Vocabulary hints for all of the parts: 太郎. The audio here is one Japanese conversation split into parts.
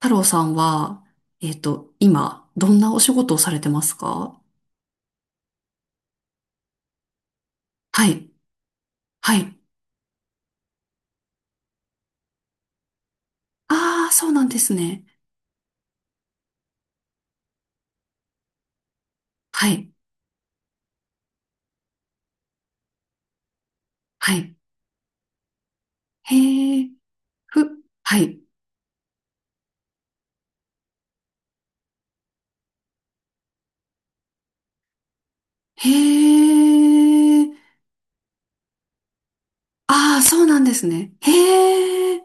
太郎さんは、今、どんなお仕事をされてますか？はい。はい。ああ、そうなんですね。はい。はい。へえ、ふ、はい。へえ、ああ、そうなんですね。へえ、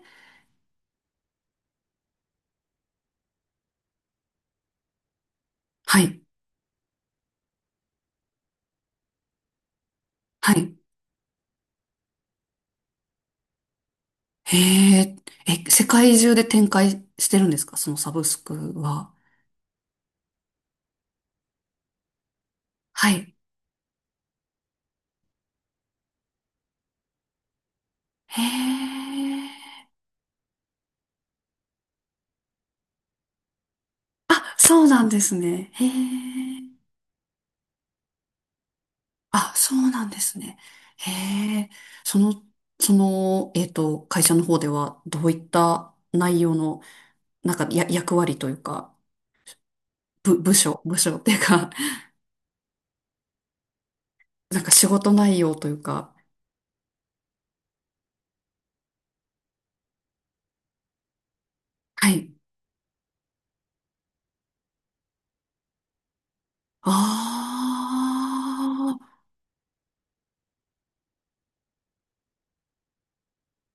はい。はい。へえ、え、世界中で展開してるんですか、そのサブスクは？はい。へえ、あ、そうなんですね。へえ。あ、そうなんですね。へえ、その、会社の方ではどういった内容の、なんかや、役割というか、部署っていうか、なんか仕事内容というか、はい。ああ、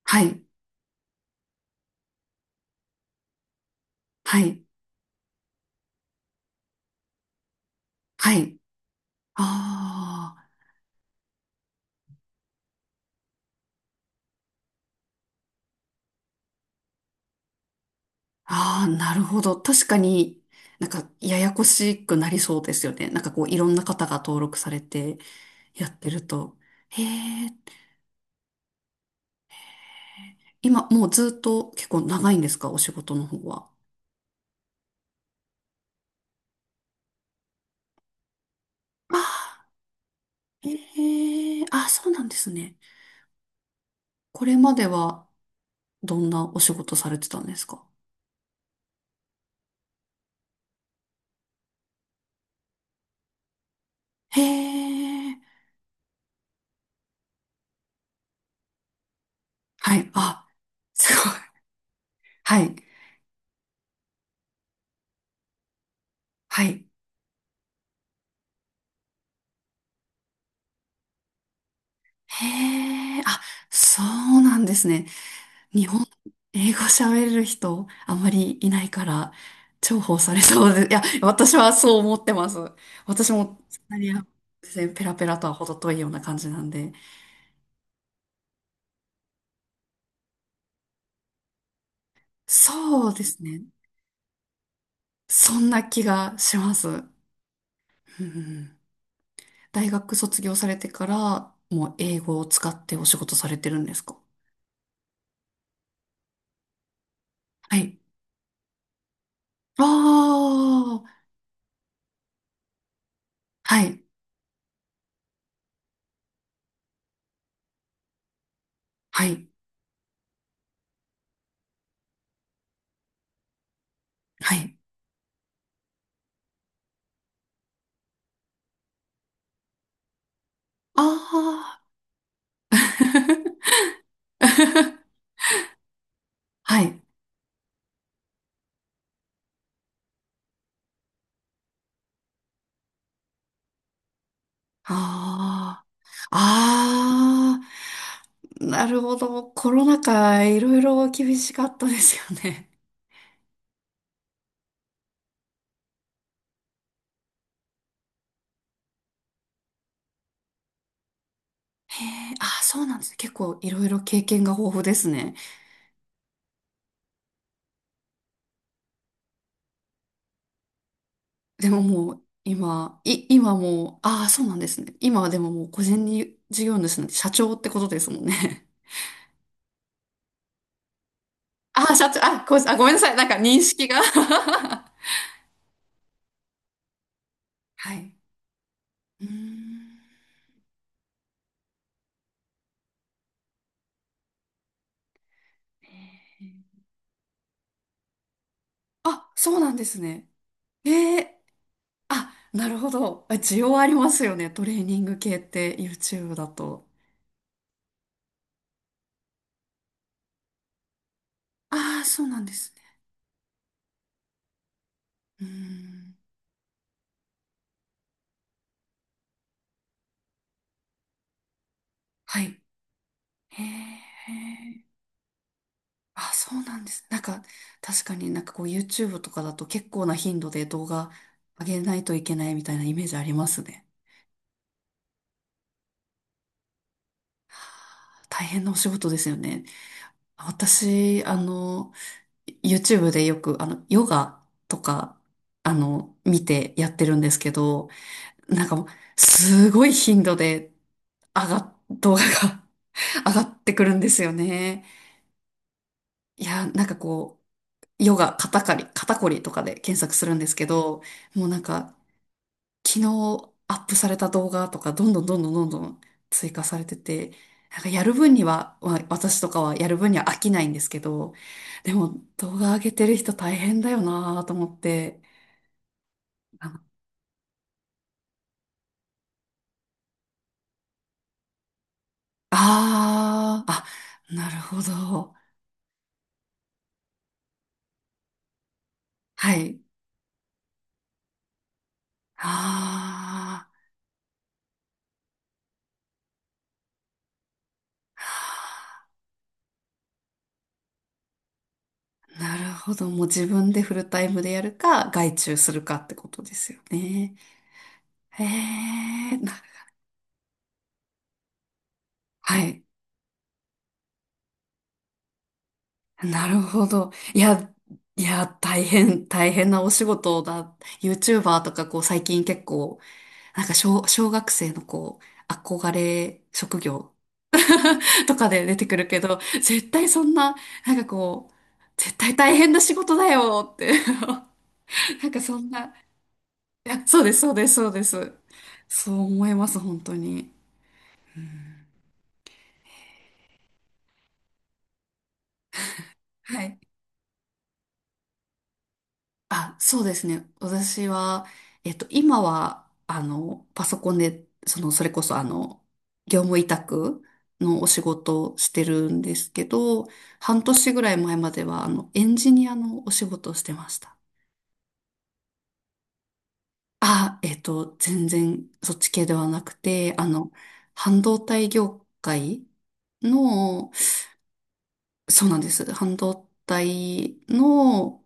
はい、はい、はい。ああ、ああ、なるほど。確かになんかややこしくなりそうですよね。なんかこういろんな方が登録されてやってると。へえ、今、もうずっと結構長いんですか、お仕事の方は？ああ、ええあ、そうなんですね。これまではどんなお仕事されてたんですか？へえ、はい、あ、すごい。はい、はい。へえ、あ、そうなんですね。日本、英語喋れる人、あまりいないから、重宝されそうで、いや、私はそう思ってます。私も、イタリア、ペラペラとは程遠いような感じなんで。そうですね。そんな気がします。うん。うん。大学卒業されてから、もう英語を使ってお仕事されてるんですか？はい。ああ、はい、はい、はい。ああ、はい。ああ、ああ、なるほど。コロナ禍、いろいろ厳しかったですよね。へえ、ああ、そうなんですね。結構いろいろ経験が豊富ですね。でももう今、今もう、ああ、そうなんですね。今はでももう個人に事業主なんて社長ってことですもんね。ああ、社長、あ、ごめんなさい。なんか認識が はい。うーんあ、そうなんですね。ええあ、なるほど。あ、需要ありますよね。トレーニング系って YouTube だと。ああ、そうなんですね。うーん。はい。へえ。あ、そうなんです。なんか、確かになんかこう YouTube とかだと結構な頻度で動画上げないといけないみたいなイメージありますね。大変なお仕事ですよね。私、YouTube でよくヨガとか、見てやってるんですけど、なんかもう、すごい頻度で動画が 上がってくるんですよね。いや、なんかこう、ヨガ、肩こりとかで検索するんですけど、もうなんか、昨日アップされた動画とか、どんどんどんどんどんどん追加されてて、なんかやる分には、私とかはやる分には飽きないんですけど、でも動画上げてる人大変だよなと思って、ああー、あ、なるほど。はい。ああ、なるほど。もう自分でフルタイムでやるか、外注するかってことですよね。ええ、はい。なるほど。いや、いや、大変、大変なお仕事だ。YouTuber とか、こう、最近結構、なんか小学生のこう、憧れ職業 とかで出てくるけど、絶対そんな、なんかこう、絶対大変な仕事だよって なんかそんな、いや、そうです、そうです、そうです。そう思います、本当に。はい。あ、そうですね。私は、今は、パソコンで、その、それこそ、業務委託のお仕事をしてるんですけど、半年ぐらい前までは、エンジニアのお仕事をしてました。あ、全然、そっち系ではなくて、半導体業界の、そうなんです。半導体の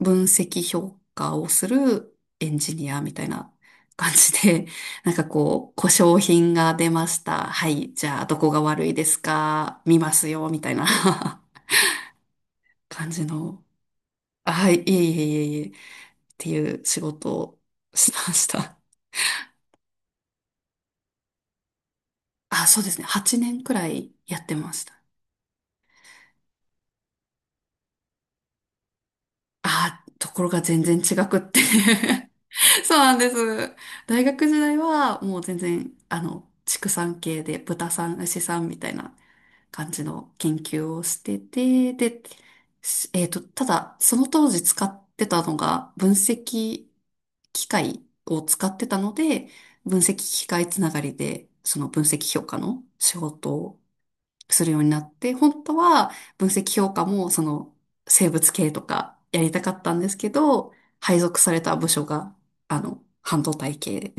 分析評価をするエンジニアみたいな感じで、なんかこう、故障品が出ました。はい、じゃあどこが悪いですか、見ますよ、みたいな 感じの。あ、はい、いえいえいえいえ、っていう仕事をしました。あ、そうですね。8年くらいやってました。あ、ところが全然違くって そうなんです。大学時代はもう全然、畜産系で豚さん、牛さんみたいな感じの研究をしてて、で、しえっと、ただ、その当時使ってたのが分析機械を使ってたので、分析機械つながりで、その分析評価の仕事するようになって、本当は分析評価もその生物系とかやりたかったんですけど、配属された部署が、半導体系で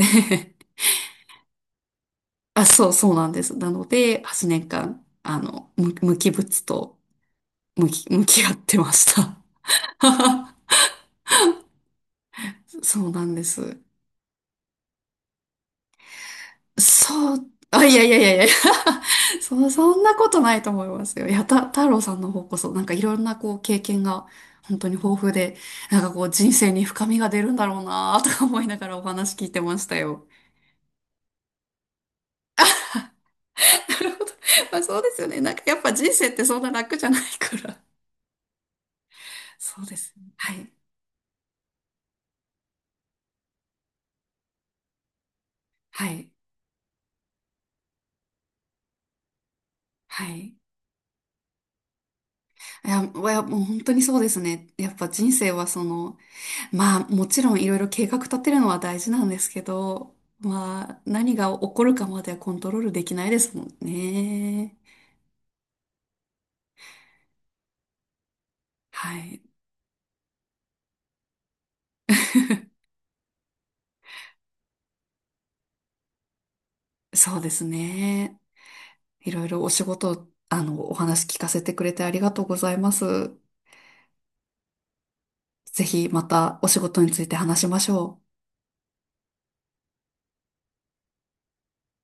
あ、そう、そうなんです。なので、8年間、無機物と向き合ってました。そうなんです。そう、あ、いやいやいやいや そんなことないと思いますよ。いや、太郎さんの方こそ、なんかいろんなこう経験が本当に豊富で、なんかこう人生に深みが出るんだろうなとか思いながらお話聞いてましたよ。なるほど。まあそうですよね。なんかやっぱ人生ってそんな楽じゃないから。そうですね。はい。はい。はい。いや、いやもう本当にそうですね。やっぱ人生はその、まあ、もちろんいろいろ計画立てるのは大事なんですけど、まあ、何が起こるかまではコントロールできないですもんね。はい。そうですね。いろいろお仕事、お話聞かせてくれてありがとうございます。ぜひまたお仕事について話しましょう。